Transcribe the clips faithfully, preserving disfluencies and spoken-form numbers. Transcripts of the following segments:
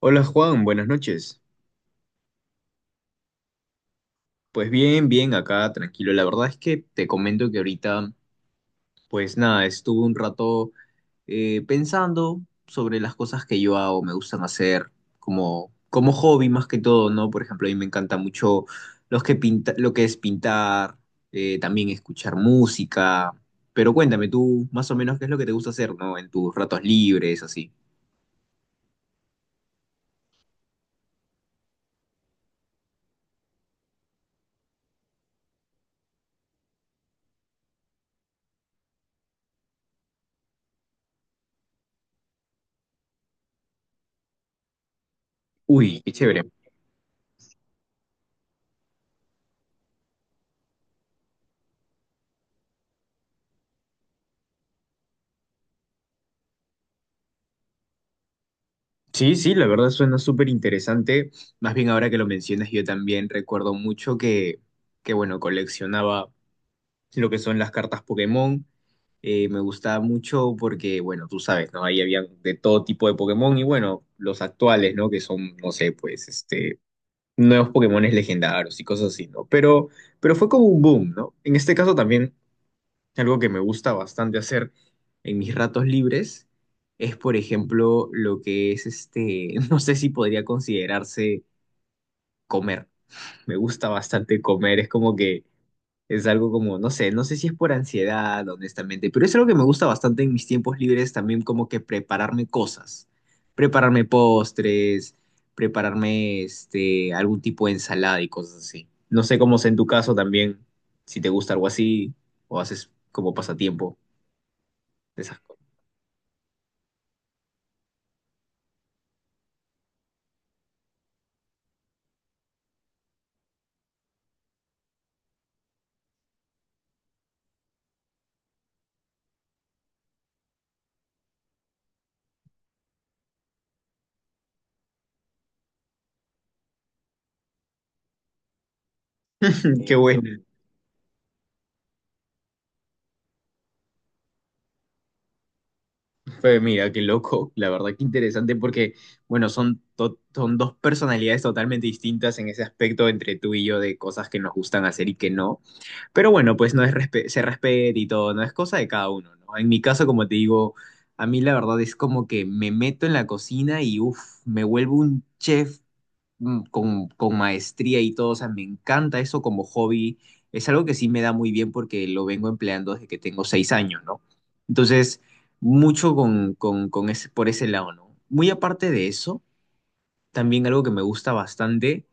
Hola Juan, buenas noches. Pues bien, bien, acá tranquilo. La verdad es que te comento que ahorita, pues nada, estuve un rato eh, pensando sobre las cosas que yo hago, me gustan hacer como, como hobby más que todo, ¿no? Por ejemplo, a mí me encanta mucho los que pinta, lo que es pintar, eh, también escuchar música. Pero cuéntame tú más o menos qué es lo que te gusta hacer, ¿no? En tus ratos libres, así. Uy, qué chévere. Sí, sí, la verdad suena súper interesante. Más bien ahora que lo mencionas, yo también recuerdo mucho que, que bueno, coleccionaba lo que son las cartas Pokémon. Eh, me gustaba mucho porque, bueno, tú sabes, ¿no? Ahí había de todo tipo de Pokémon y, bueno, los actuales, ¿no? Que son, no sé, pues, este, nuevos Pokémones legendarios y cosas así, ¿no? Pero, pero fue como un boom, ¿no? En este caso también algo que me gusta bastante hacer en mis ratos libres es, por ejemplo, lo que es este, no sé si podría considerarse comer. Me gusta bastante comer, es como que es algo como, no sé, no sé si es por ansiedad, honestamente, pero es algo que me gusta bastante en mis tiempos libres también como que prepararme cosas, prepararme postres, prepararme este, algún tipo de ensalada y cosas así. No sé cómo es en tu caso también, si te gusta algo así o haces como pasatiempo. Esas cosas. Qué bueno. Pues mira, qué loco. La verdad que interesante porque, bueno, son, to- son dos personalidades totalmente distintas en ese aspecto entre tú y yo de cosas que nos gustan hacer y que no. Pero bueno, pues no es respe- se respeta y todo, no es cosa de cada uno, ¿no? En mi caso, como te digo, a mí la verdad es como que me meto en la cocina y uff, me vuelvo un chef mm, con, con maestría y todo. O sea, me encanta eso como hobby. Es algo que sí me da muy bien porque lo vengo empleando desde que tengo seis años, ¿no? Entonces, mucho con, con, con ese, por ese lado, ¿no? Muy aparte de eso. También algo que me gusta bastante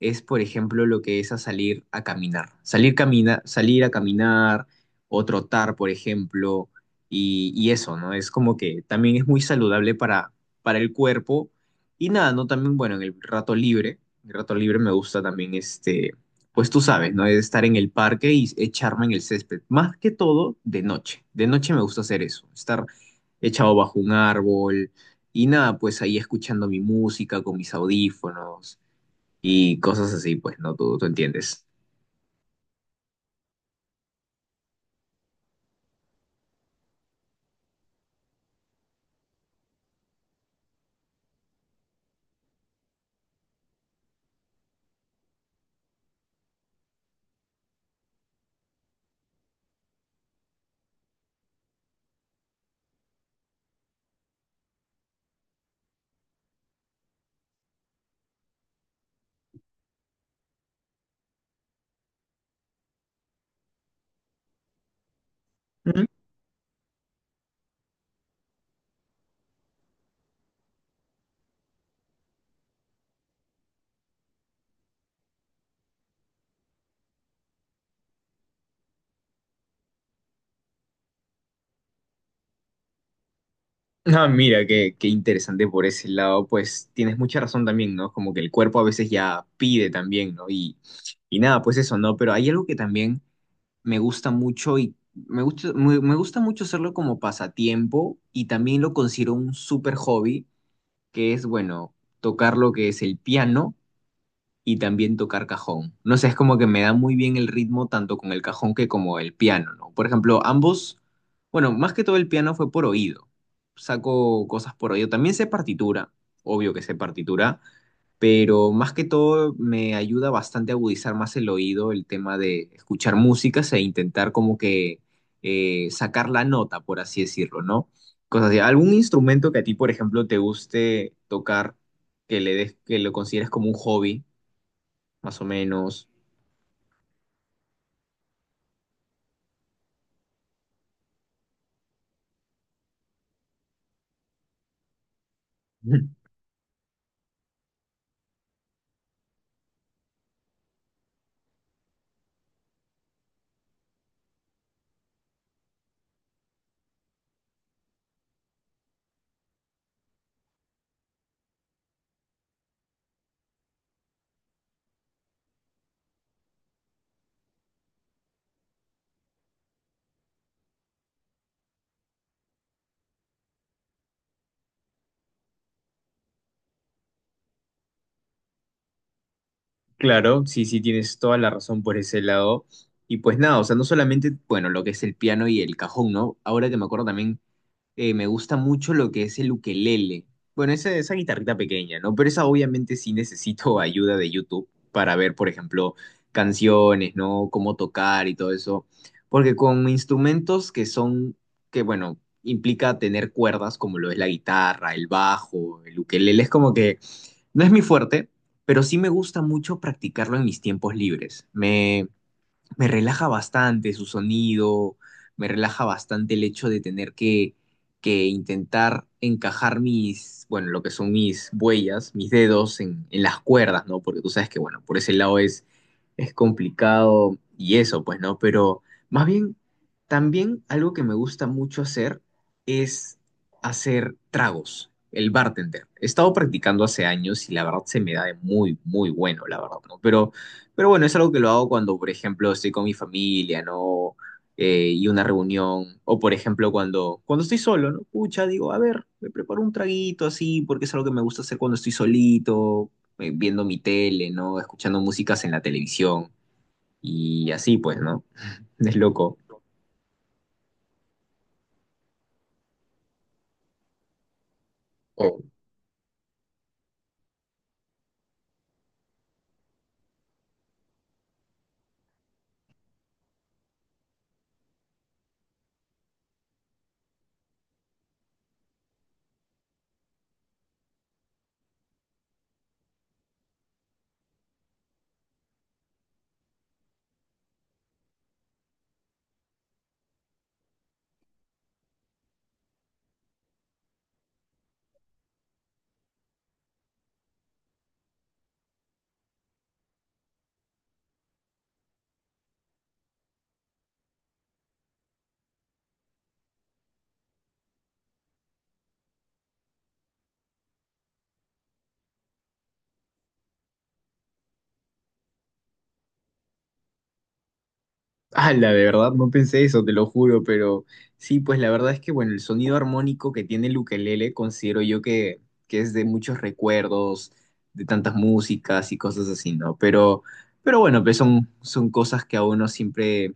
es, por ejemplo, lo que es a salir a caminar. Salir, camina, salir a caminar o trotar, por ejemplo, y, y eso, ¿no? Es como que también es muy saludable para, para el cuerpo. Y nada, ¿no? También, bueno, en el rato libre, el rato libre me gusta también, este, pues tú sabes, ¿no? Es Estar en el parque y echarme en el césped. Más que todo de noche. De noche me gusta hacer eso, estar echado bajo un árbol y nada, pues ahí escuchando mi música con mis audífonos y cosas así, pues no, tú, tú entiendes. Ujú. Ah, mira, qué, qué interesante por ese lado, pues tienes mucha razón también, ¿no? Como que el cuerpo a veces ya pide también, ¿no? Y, y nada, pues eso, ¿no? Pero hay algo que también me gusta mucho y me gusta, me, me gusta mucho hacerlo como pasatiempo y también lo considero un súper hobby, que es, bueno, tocar lo que es el piano y también tocar cajón. No sé, es como que me da muy bien el ritmo tanto con el cajón que como el piano, ¿no? Por ejemplo, ambos, bueno, más que todo el piano fue por oído. Saco cosas por oído. También sé partitura, obvio que sé partitura, pero más que todo me ayuda bastante a agudizar más el oído el tema de escuchar músicas e intentar como que eh, sacar la nota, por así decirlo, ¿no? Cosas así. ¿Algún instrumento que a ti, por ejemplo, te guste tocar, que le des, que lo consideres como un hobby? Más o menos. Claro, sí, sí, tienes toda la razón por ese lado. Y pues nada, o sea, no solamente, bueno, lo que es el piano y el cajón, ¿no? Ahora que me acuerdo también, eh, me gusta mucho lo que es el ukelele. Bueno, esa, esa guitarrita pequeña, ¿no? Pero esa obviamente sí necesito ayuda de YouTube para ver, por ejemplo, canciones, ¿no? Cómo tocar y todo eso. Porque con instrumentos que son, que bueno, implica tener cuerdas, como lo es la guitarra, el bajo, el ukelele, es como que no es mi fuerte, pero sí me gusta mucho practicarlo en mis tiempos libres. Me me relaja bastante su sonido, me relaja bastante el hecho de tener que, que intentar encajar mis, bueno, lo que son mis huellas, mis dedos en, en las cuerdas, ¿no? Porque tú sabes que, bueno, por ese lado es, es complicado y eso, pues, ¿no? Pero más bien, también algo que me gusta mucho hacer es hacer tragos. El bartender. He estado practicando hace años y la verdad se me da de muy, muy bueno, la verdad, ¿no? Pero pero bueno, es algo que lo hago cuando, por ejemplo, estoy con mi familia, ¿no? Eh, y una reunión, o por ejemplo, cuando, cuando estoy solo, ¿no? Pucha, digo, a ver, me preparo un traguito así, porque es algo que me gusta hacer cuando estoy solito, eh, viendo mi tele, ¿no? Escuchando músicas en la televisión y así, pues, ¿no? Es loco. La de verdad, no pensé eso, te lo juro, pero sí, pues la verdad es que, bueno, el sonido armónico que tiene el ukelele considero yo que, que es de muchos recuerdos, de tantas músicas y cosas así, ¿no? Pero, pero bueno, pues son, son cosas que a uno siempre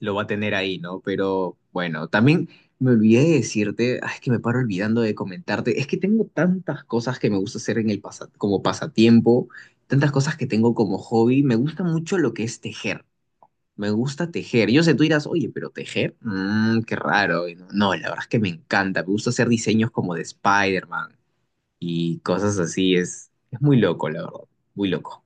lo va a tener ahí, ¿no? Pero bueno, también me olvidé de decirte, ay, es que me paro olvidando de comentarte, es que tengo tantas cosas que me gusta hacer en el pasa- como pasatiempo, tantas cosas que tengo como hobby, me gusta mucho lo que es tejer. Me gusta tejer. Yo sé, tú dirás, oye, pero tejer, mm, qué raro. Y no, no, la verdad es que me encanta. Me gusta hacer diseños como de Spider-Man y cosas así. Es, es muy loco, la verdad. Muy loco.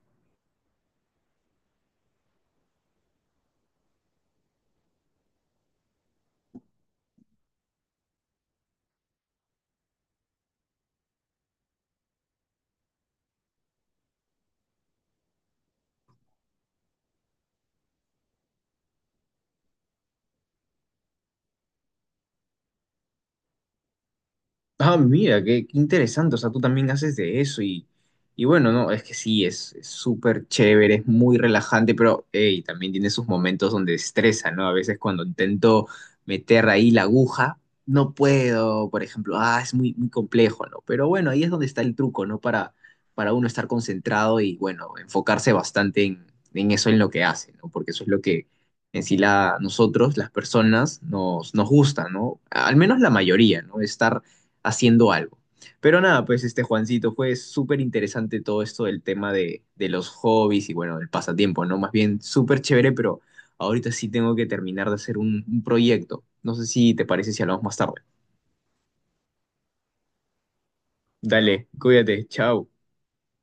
Ah, mira, qué, qué interesante. O sea, tú también haces de eso y, y bueno, no, es que sí, es es súper chévere, es muy relajante, pero hey, también tiene sus momentos donde estresa, ¿no? A veces cuando intento meter ahí la aguja, no puedo, por ejemplo, ah, es muy, muy complejo, ¿no? Pero bueno, ahí es donde está el truco, ¿no? Para, para uno estar concentrado y, bueno, enfocarse bastante en, en eso, en lo que hace, ¿no? Porque eso es lo que en sí la, nosotros, las personas, nos, nos gusta, ¿no? Al menos la mayoría, ¿no? Estar haciendo algo. Pero nada, pues este Juancito, fue súper interesante todo esto del tema de, de los hobbies y bueno, el pasatiempo, ¿no? Más bien súper chévere, pero ahorita sí tengo que terminar de hacer un, un proyecto. No sé si te parece si hablamos más tarde. Dale, cuídate, chao.